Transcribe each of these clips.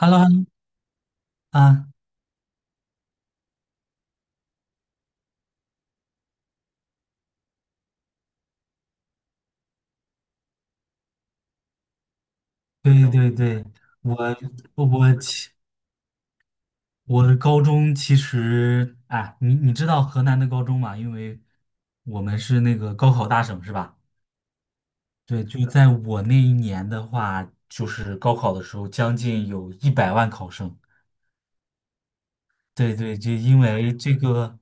h e l l o h e l l o 啊，对对对，我我其我的高中其实，哎，你知道河南的高中吗？因为我们是那个高考大省，是吧？对，就在我那一年的话，就是高考的时候，将近有一百万考生。对对，就因为这个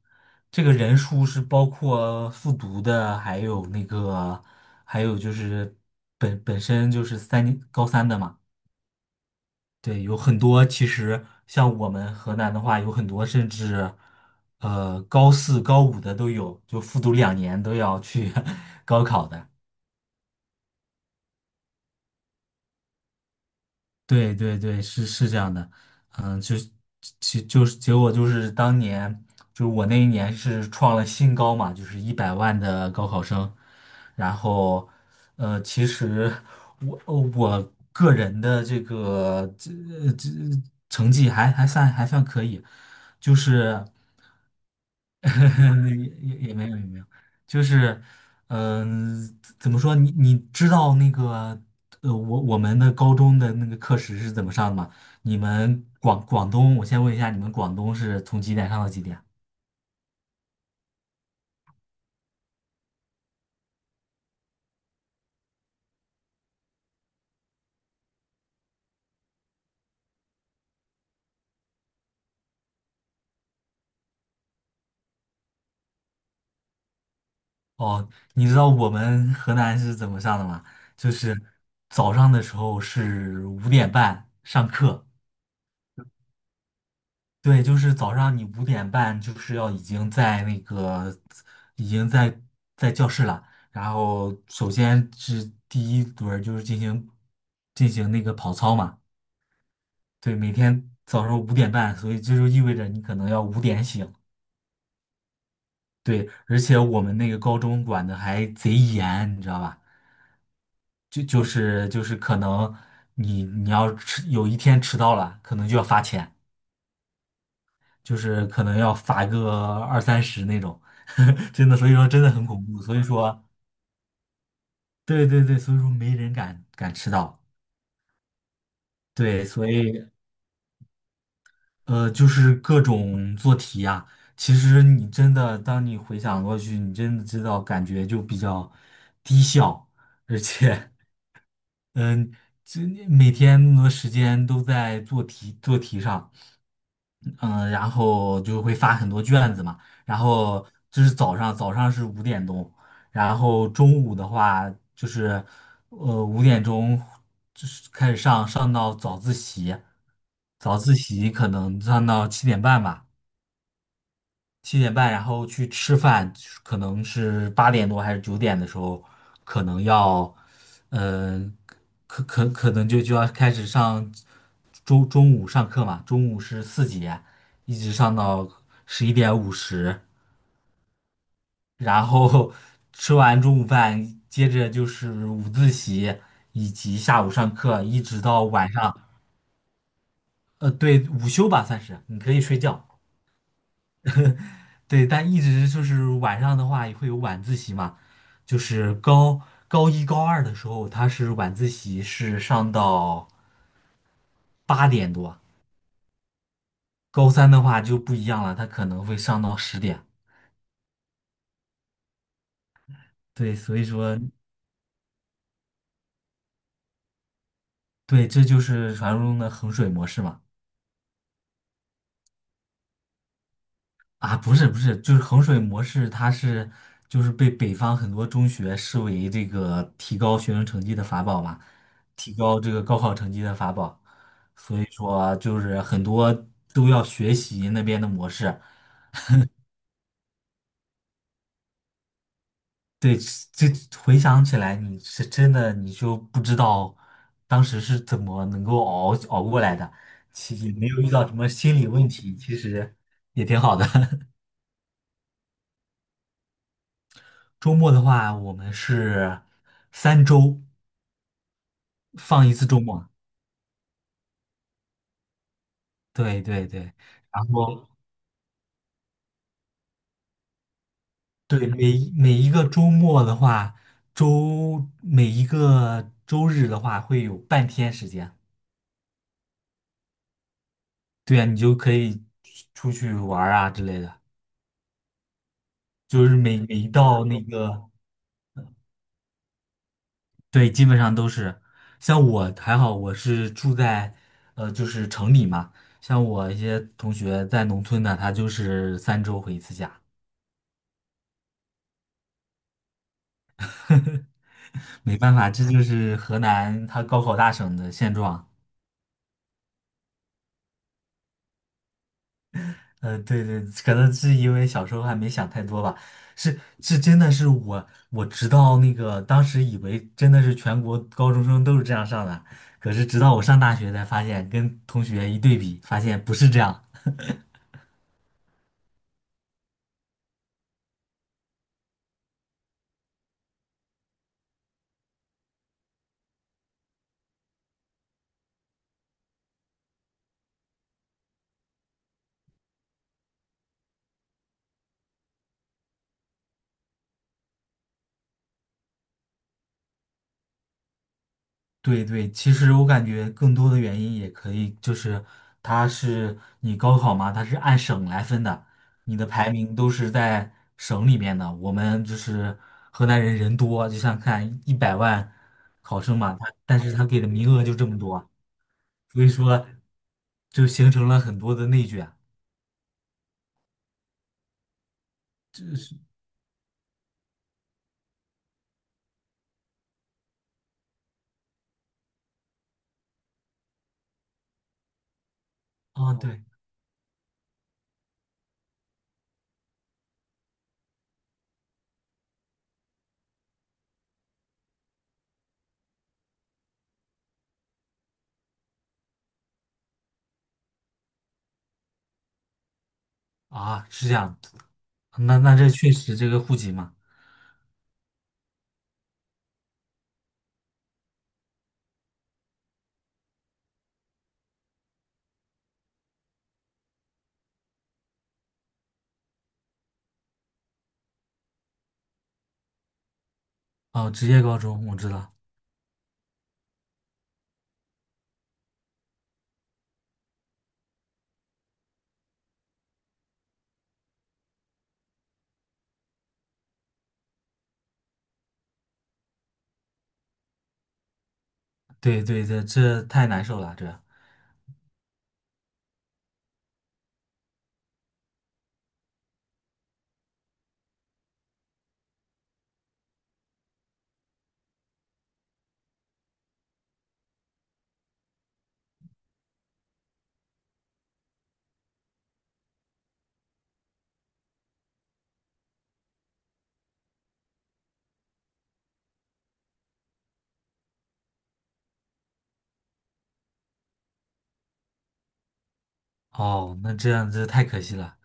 这个人数是包括复读的，还有那个还有就是本身就是3年高三的嘛。对，有很多其实像我们河南的话，有很多甚至高四、高五的都有，就复读2年都要去 高考的。对对对，是这样的。嗯，就是其就是结果就是当年我那一年是创了新高嘛，就是一百万的高考生。然后其实我个人的这个这这呃成绩还算可以，就是。也也没有也没有，就是，怎么说？你知道那个，我们的高中的那个课时是怎么上的吗？你们广东，我先问一下，你们广东是从几点上到几点啊？哦，你知道我们河南是怎么上的吗？就是早上的时候是五点半上课。对，就是早上你五点半就是要已经在那个已经在在教室了，然后首先是第一轮儿就是进行那个跑操嘛。对，每天早上五点半，所以这就意味着你可能要五点醒。对，而且我们那个高中管的还贼严，你知道吧？就是可能你有一天迟到了，可能就要罚钱。就是可能要罚个二三十那种，真的，所以说真的很恐怖，所以说，对对对，所以说没人敢迟到。对，所以就是各种做题呀、其实你真的，当你回想过去，你真的知道感觉就比较低效。而且，嗯、这每天那么多时间都在做题做题上。嗯，然后就会发很多卷子嘛，然后就是早上是五点钟，然后中午的话就是，五点钟就是开始上到早自习，早自习可能上到七点半吧，七点半，然后去吃饭，可能是八点多还是9点的时候，可能要，嗯、可能就要开始上中午上课嘛，中午是4节，一直上到11:50，然后吃完中午饭，接着就是午自习以及下午上课，一直到晚上。对，午休吧算是，你可以睡觉。对，但一直就是晚上的话也会有晚自习嘛，就是高一高二的时候，他是晚自习是上到八点多，高三的话就不一样了，他可能会上到10点。对，所以说，对，这就是传说中的衡水模式嘛。啊，不是不是，就是衡水模式，它是被北方很多中学视为这个提高学生成绩的法宝嘛，提高这个高考成绩的法宝。所以说就是很多都要学习那边的模式。对，这回想起来，你是真的你就不知道当时是怎么能够熬过来的。其实也没有遇到什么心理问题，其实也挺好的。周末的话，我们是三周放一次周末。对对对，然后对每一个周末的话，每一个周日的话会有半天时间。对呀，你就可以出去玩儿啊之类的，就是每一到那个，对，基本上都是。像我还好，我是住在就是城里嘛。像我一些同学在农村的，他就是三周回一次家，没办法，这就是河南它高考大省的现状。对对，可能是因为小时候还没想太多吧，是，真的是我直到那个当时以为真的是全国高中生都是这样上的，可是直到我上大学才发现，跟同学一对比，发现不是这样。对对，其实我感觉更多的原因也可以，就是它是你高考嘛，它是按省来分的，你的排名都是在省里面的。我们就是河南人人多，就像看一百万考生嘛，但是他给的名额就这么多啊，所以说就形成了很多的内卷。啊，对啊，是这样，那这确实这个户籍嘛。哦，职业高中我知道，对对对，这太难受了，这。哦，那这样子太可惜了。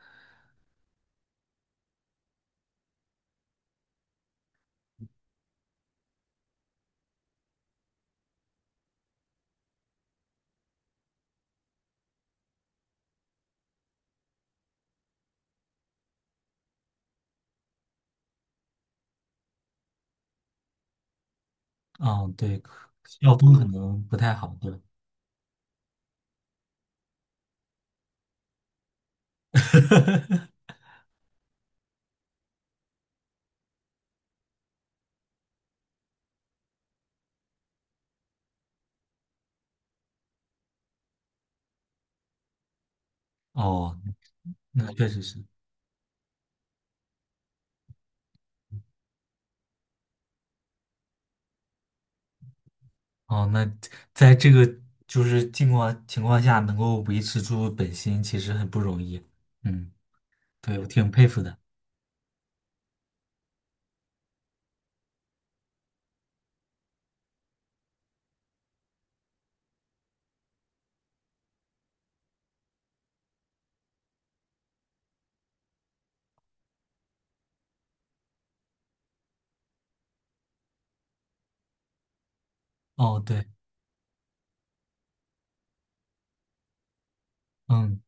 哦，对，校风可能不太好，对吧 哦，那确实是。哦，那在这个就是情况下，能够维持住本心，其实很不容易。嗯，对，我挺佩服的。哦，对，嗯，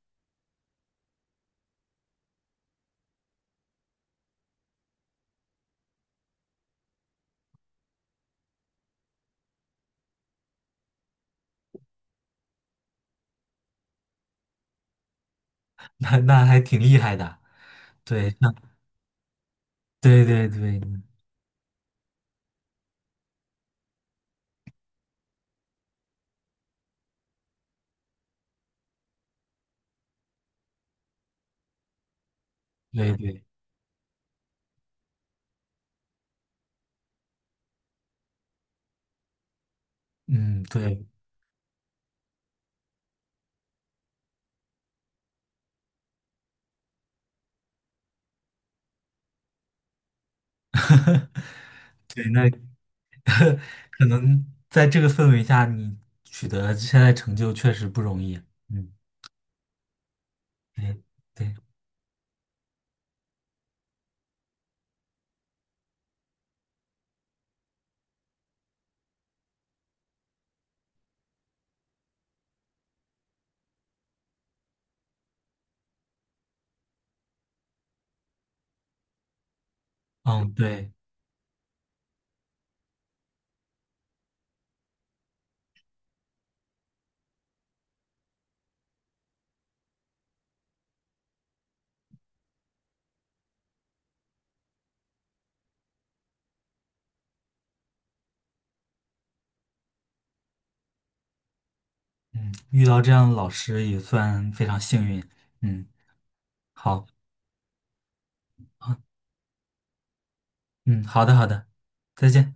那还挺厉害的。对，那对对对对对，嗯，对，对，那 可能在这个氛围下，你取得现在成就确实不容易。嗯，对对。嗯，对，嗯，遇到这样的老师也算非常幸运。嗯，好，嗯，好的，好的，再见。